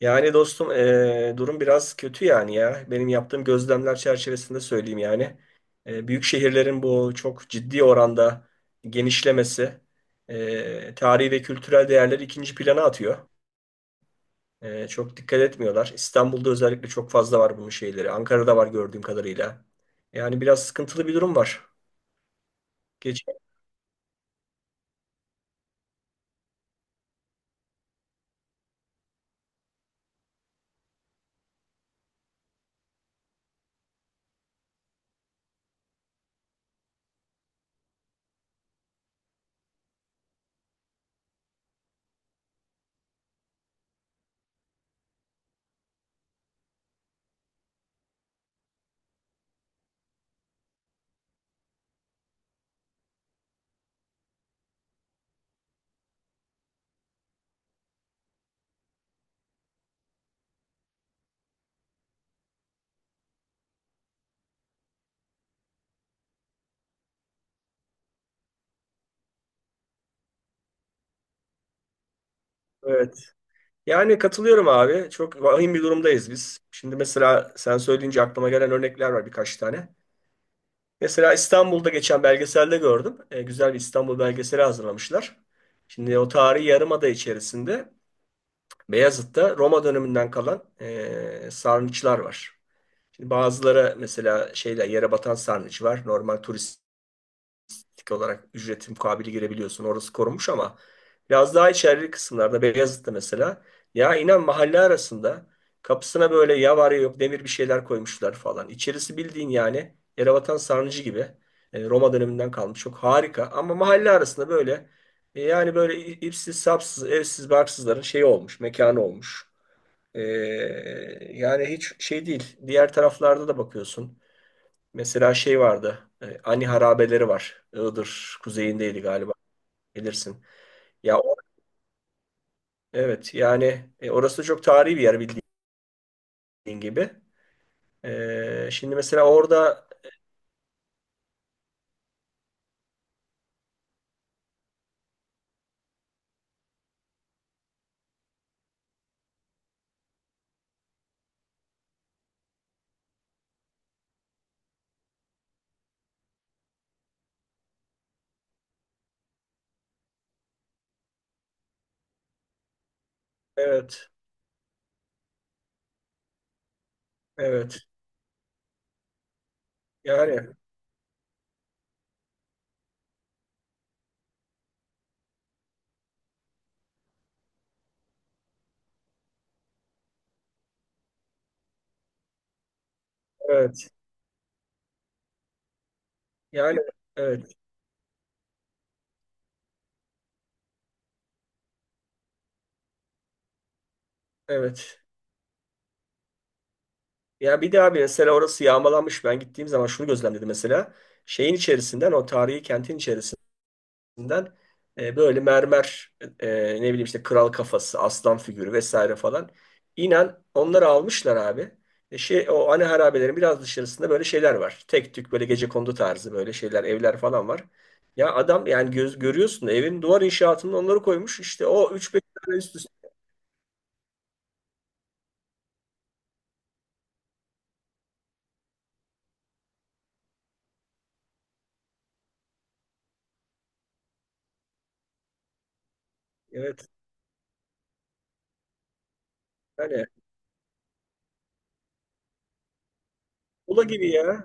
Yani dostum, durum biraz kötü yani ya. Benim yaptığım gözlemler çerçevesinde söyleyeyim yani. Büyük şehirlerin bu çok ciddi oranda genişlemesi tarihi ve kültürel değerleri ikinci plana atıyor. Çok dikkat etmiyorlar. İstanbul'da özellikle çok fazla var bunun şeyleri. Ankara'da var gördüğüm kadarıyla. Yani biraz sıkıntılı bir durum var. Geç, evet. Yani katılıyorum abi. Çok vahim bir durumdayız biz. Şimdi mesela sen söyleyince aklıma gelen örnekler var birkaç tane. Mesela İstanbul'da geçen belgeselde gördüm. Güzel bir İstanbul belgeseli hazırlamışlar. Şimdi o tarihi yarımada içerisinde Beyazıt'ta Roma döneminden kalan sarnıçlar var. Şimdi bazıları mesela şeyler yere batan sarnıç var. Normal turist tik olarak ücreti mukabili girebiliyorsun. Orası korunmuş ama biraz daha içerili kısımlarda Beyazıt'ta mesela ya inan mahalle arasında kapısına böyle ya var ya yok demir bir şeyler koymuşlar falan. İçerisi bildiğin yani Yerebatan Sarnıcı gibi Roma döneminden kalmış. Çok harika ama mahalle arasında böyle yani böyle ipsiz sapsız evsiz barksızların şeyi olmuş, mekanı olmuş. E, yani hiç şey değil. Diğer taraflarda da bakıyorsun. Mesela şey vardı. Ani harabeleri var. Iğdır kuzeyindeydi galiba. Bilirsin. Ya evet, yani orası çok tarihi bir yer, bildiğin gibi. Şimdi mesela orada. Evet, evet. Yani evet. Yani evet, evet. Ya bir de abi, mesela orası yağmalanmış. Ben gittiğim zaman şunu gözlemledim mesela. Şeyin içerisinden, o tarihi kentin içerisinden, üzerinden böyle mermer, ne bileyim, işte kral kafası, aslan figürü vesaire falan. İnan, onları almışlar abi. Şey o ana harabelerin biraz dışarısında böyle şeyler var. Tek tük böyle gecekondu tarzı böyle şeyler, evler falan var. Ya adam yani göz görüyorsun da, evin duvar inşaatında onları koymuş. İşte o üç beş tane üst üste. Evet. Yani ola gibi ya.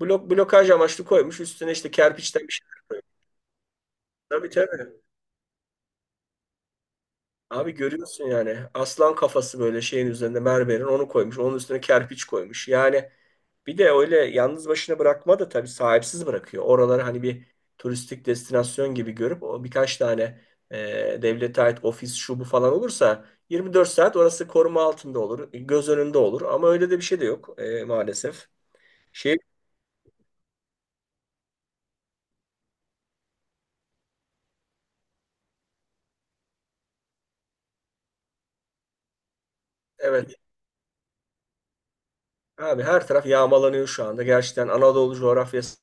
Blok blokaj amaçlı koymuş. Üstüne işte kerpiçten bir şey. Tabii, tabii. Abi görüyorsun yani, aslan kafası böyle şeyin üzerinde, mermerin onu koymuş. Onun üstüne kerpiç koymuş. Yani bir de öyle yalnız başına bırakma da tabii sahipsiz bırakıyor. Oraları hani bir turistik destinasyon gibi görüp o birkaç tane devlete ait ofis şu bu falan olursa, 24 saat orası koruma altında olur. Göz önünde olur ama öyle de bir şey de yok maalesef. Şey evet, abi, her taraf yağmalanıyor şu anda. Gerçekten Anadolu coğrafyası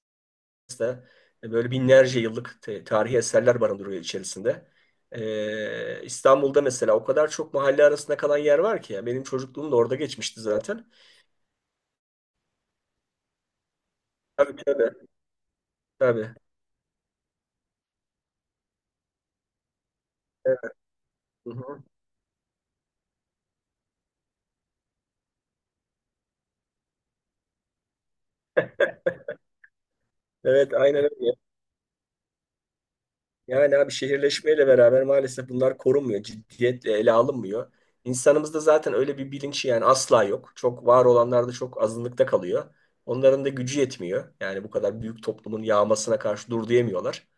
da böyle binlerce yıllık tarihi eserler barındırıyor içerisinde. İstanbul'da mesela o kadar çok mahalle arasında kalan yer var ki ya. Benim çocukluğum da orada geçmişti zaten. Tabii, tabii. Tabii. Evet, hı hı. Evet, aynen öyle. Yani abi, şehirleşmeyle beraber maalesef bunlar korunmuyor. Ciddiyetle ele alınmıyor. İnsanımızda zaten öyle bir bilinç yani asla yok. Çok var olanlar da çok azınlıkta kalıyor. Onların da gücü yetmiyor. Yani bu kadar büyük toplumun yağmasına karşı dur diyemiyorlar.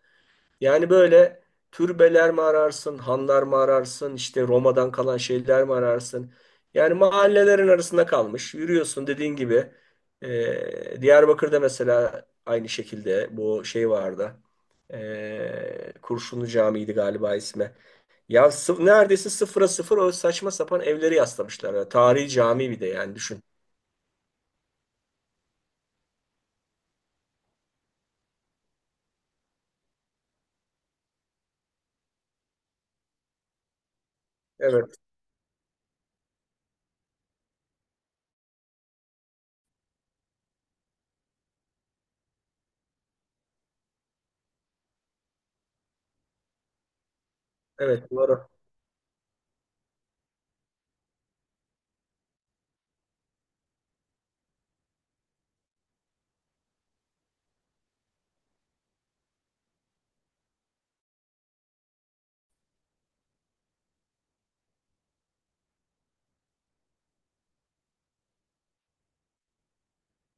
Yani böyle, türbeler mi ararsın, hanlar mı ararsın, işte Roma'dan kalan şeyler mi ararsın? Yani mahallelerin arasında kalmış. Yürüyorsun dediğin gibi. Diyarbakır'da mesela aynı şekilde bu şey vardı. Kurşunlu Camii'ydi galiba ismi. Ya neredeyse sıfıra sıfır o saçma sapan evleri yaslamışlar. Yani tarihi cami, bir de yani düşün. Evet, evet, doğru.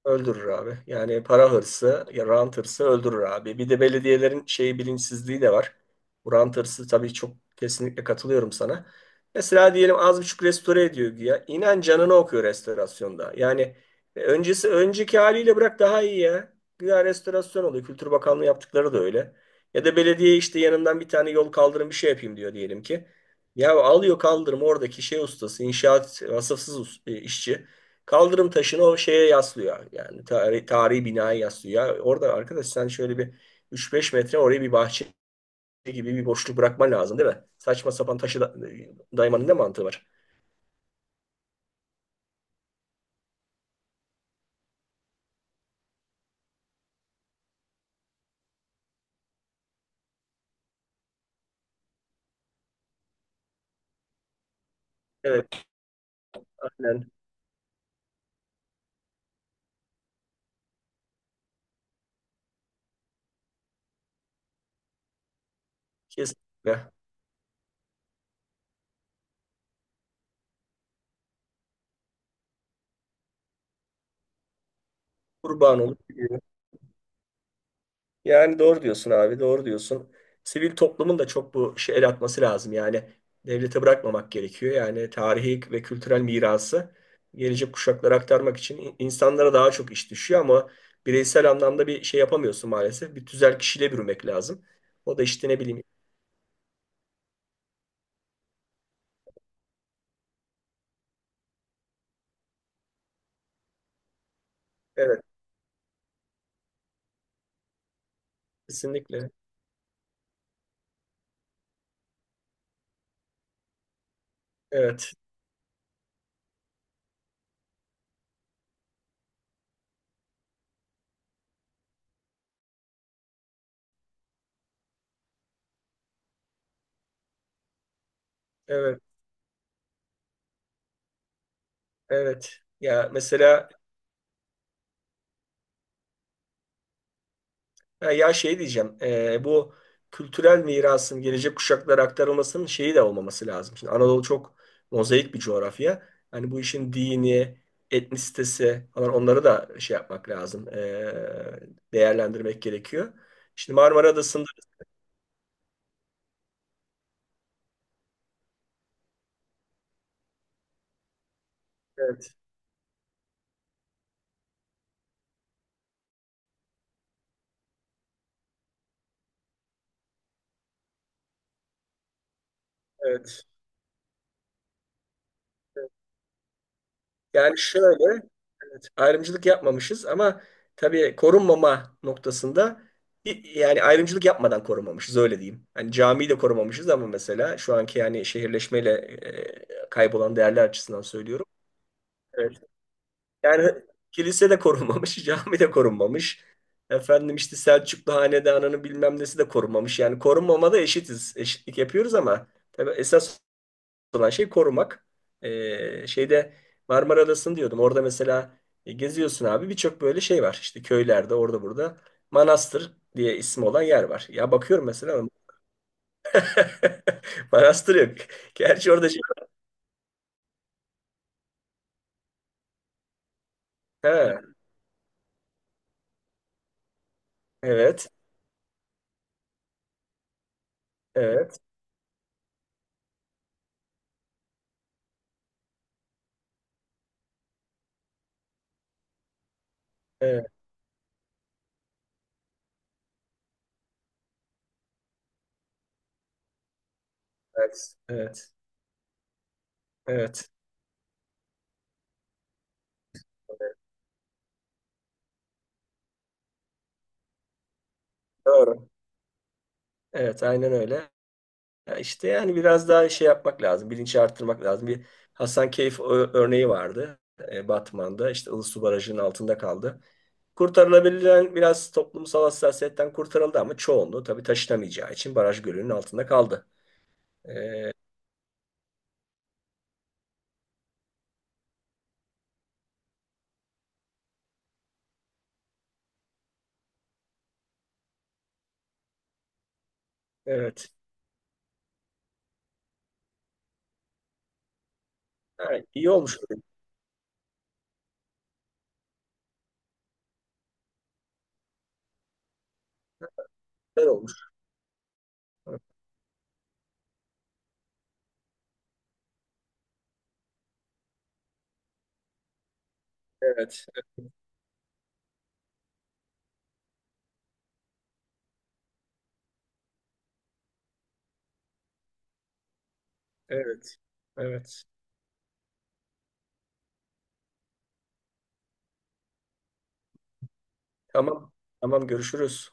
Öldürür abi. Yani para hırsı, ya rant hırsı öldürür abi. Bir de belediyelerin şeyi, bilinçsizliği de var. Bu rant hırsı tabii çok, kesinlikle katılıyorum sana. Mesela diyelim, az buçuk restore ediyor güya. İnan, canını okuyor restorasyonda. Yani öncesi, önceki haliyle bırak daha iyi ya. Güya restorasyon oluyor. Kültür Bakanlığı yaptıkları da öyle. Ya da belediye işte yanından bir tane yol, kaldırım, bir şey yapayım diyor diyelim ki. Ya alıyor kaldırım oradaki şey ustası, inşaat vasıfsız işçi. Kaldırım taşını o şeye yaslıyor. Yani tarihi, tarihi binaya yaslıyor. Orada arkadaş sen şöyle bir üç beş metre oraya bir bahçe gibi bir boşluk bırakman lazım değil mi? Saçma sapan taşı da daymanın ne mantığı var? Evet, aynen. Kesinlikle. Kurban olup gidiyor. Yani doğru diyorsun abi, doğru diyorsun. Sivil toplumun da çok bu işe el atması lazım. Yani devlete bırakmamak gerekiyor. Yani tarihi ve kültürel mirası gelecek kuşaklara aktarmak için insanlara daha çok iş düşüyor ama bireysel anlamda bir şey yapamıyorsun maalesef. Bir tüzel kişiyle bürümek lazım. O da işte ne bileyim. Evet, kesinlikle. Evet, evet, evet. Ya mesela Ya, şey diyeceğim, bu kültürel mirasın gelecek kuşaklara aktarılmasının şeyi de olmaması lazım. Şimdi Anadolu çok mozaik bir coğrafya. Hani bu işin dini, etnisitesi falan, onları da şey yapmak lazım, değerlendirmek gerekiyor. Şimdi Marmara Adası'nda. Evet, evet. Yani şöyle, evet, ayrımcılık yapmamışız ama tabii korunmama noktasında, yani ayrımcılık yapmadan korumamışız, öyle diyeyim. Hani camiyi de korumamışız ama mesela şu anki yani şehirleşmeyle kaybolan değerler açısından söylüyorum. Evet. Yani kilise de korunmamış, cami de korunmamış. Efendim işte Selçuklu hanedanının bilmem nesi de korunmamış. Yani korunmamada eşitiz. Eşitlik yapıyoruz ama tabii esas olan şey korumak. Şeyde Marmara Adası'nı diyordum. Orada mesela geziyorsun abi, birçok böyle şey var. İşte köylerde, orada burada, Manastır diye ismi olan yer var. Ya bakıyorum mesela, Manastır yok. Gerçi orada şey... Ha, evet, evet, evet, evet, evet, evet. Doğru. Evet, aynen öyle. Ya işte yani biraz daha şey yapmak lazım. Bilinci arttırmak lazım. Bir Hasankeyf örneği vardı. Batman'da işte Ilısu Barajı'nın altında kaldı. Kurtarılabilen biraz toplumsal hassasiyetten kurtarıldı ama çoğunluğu tabii taşınamayacağı için baraj gölünün altında kaldı. Ee, evet. Ha, iyi olmuş. Güzel olmuş. Evet. Evet. Evet. Tamam. Tamam, görüşürüz.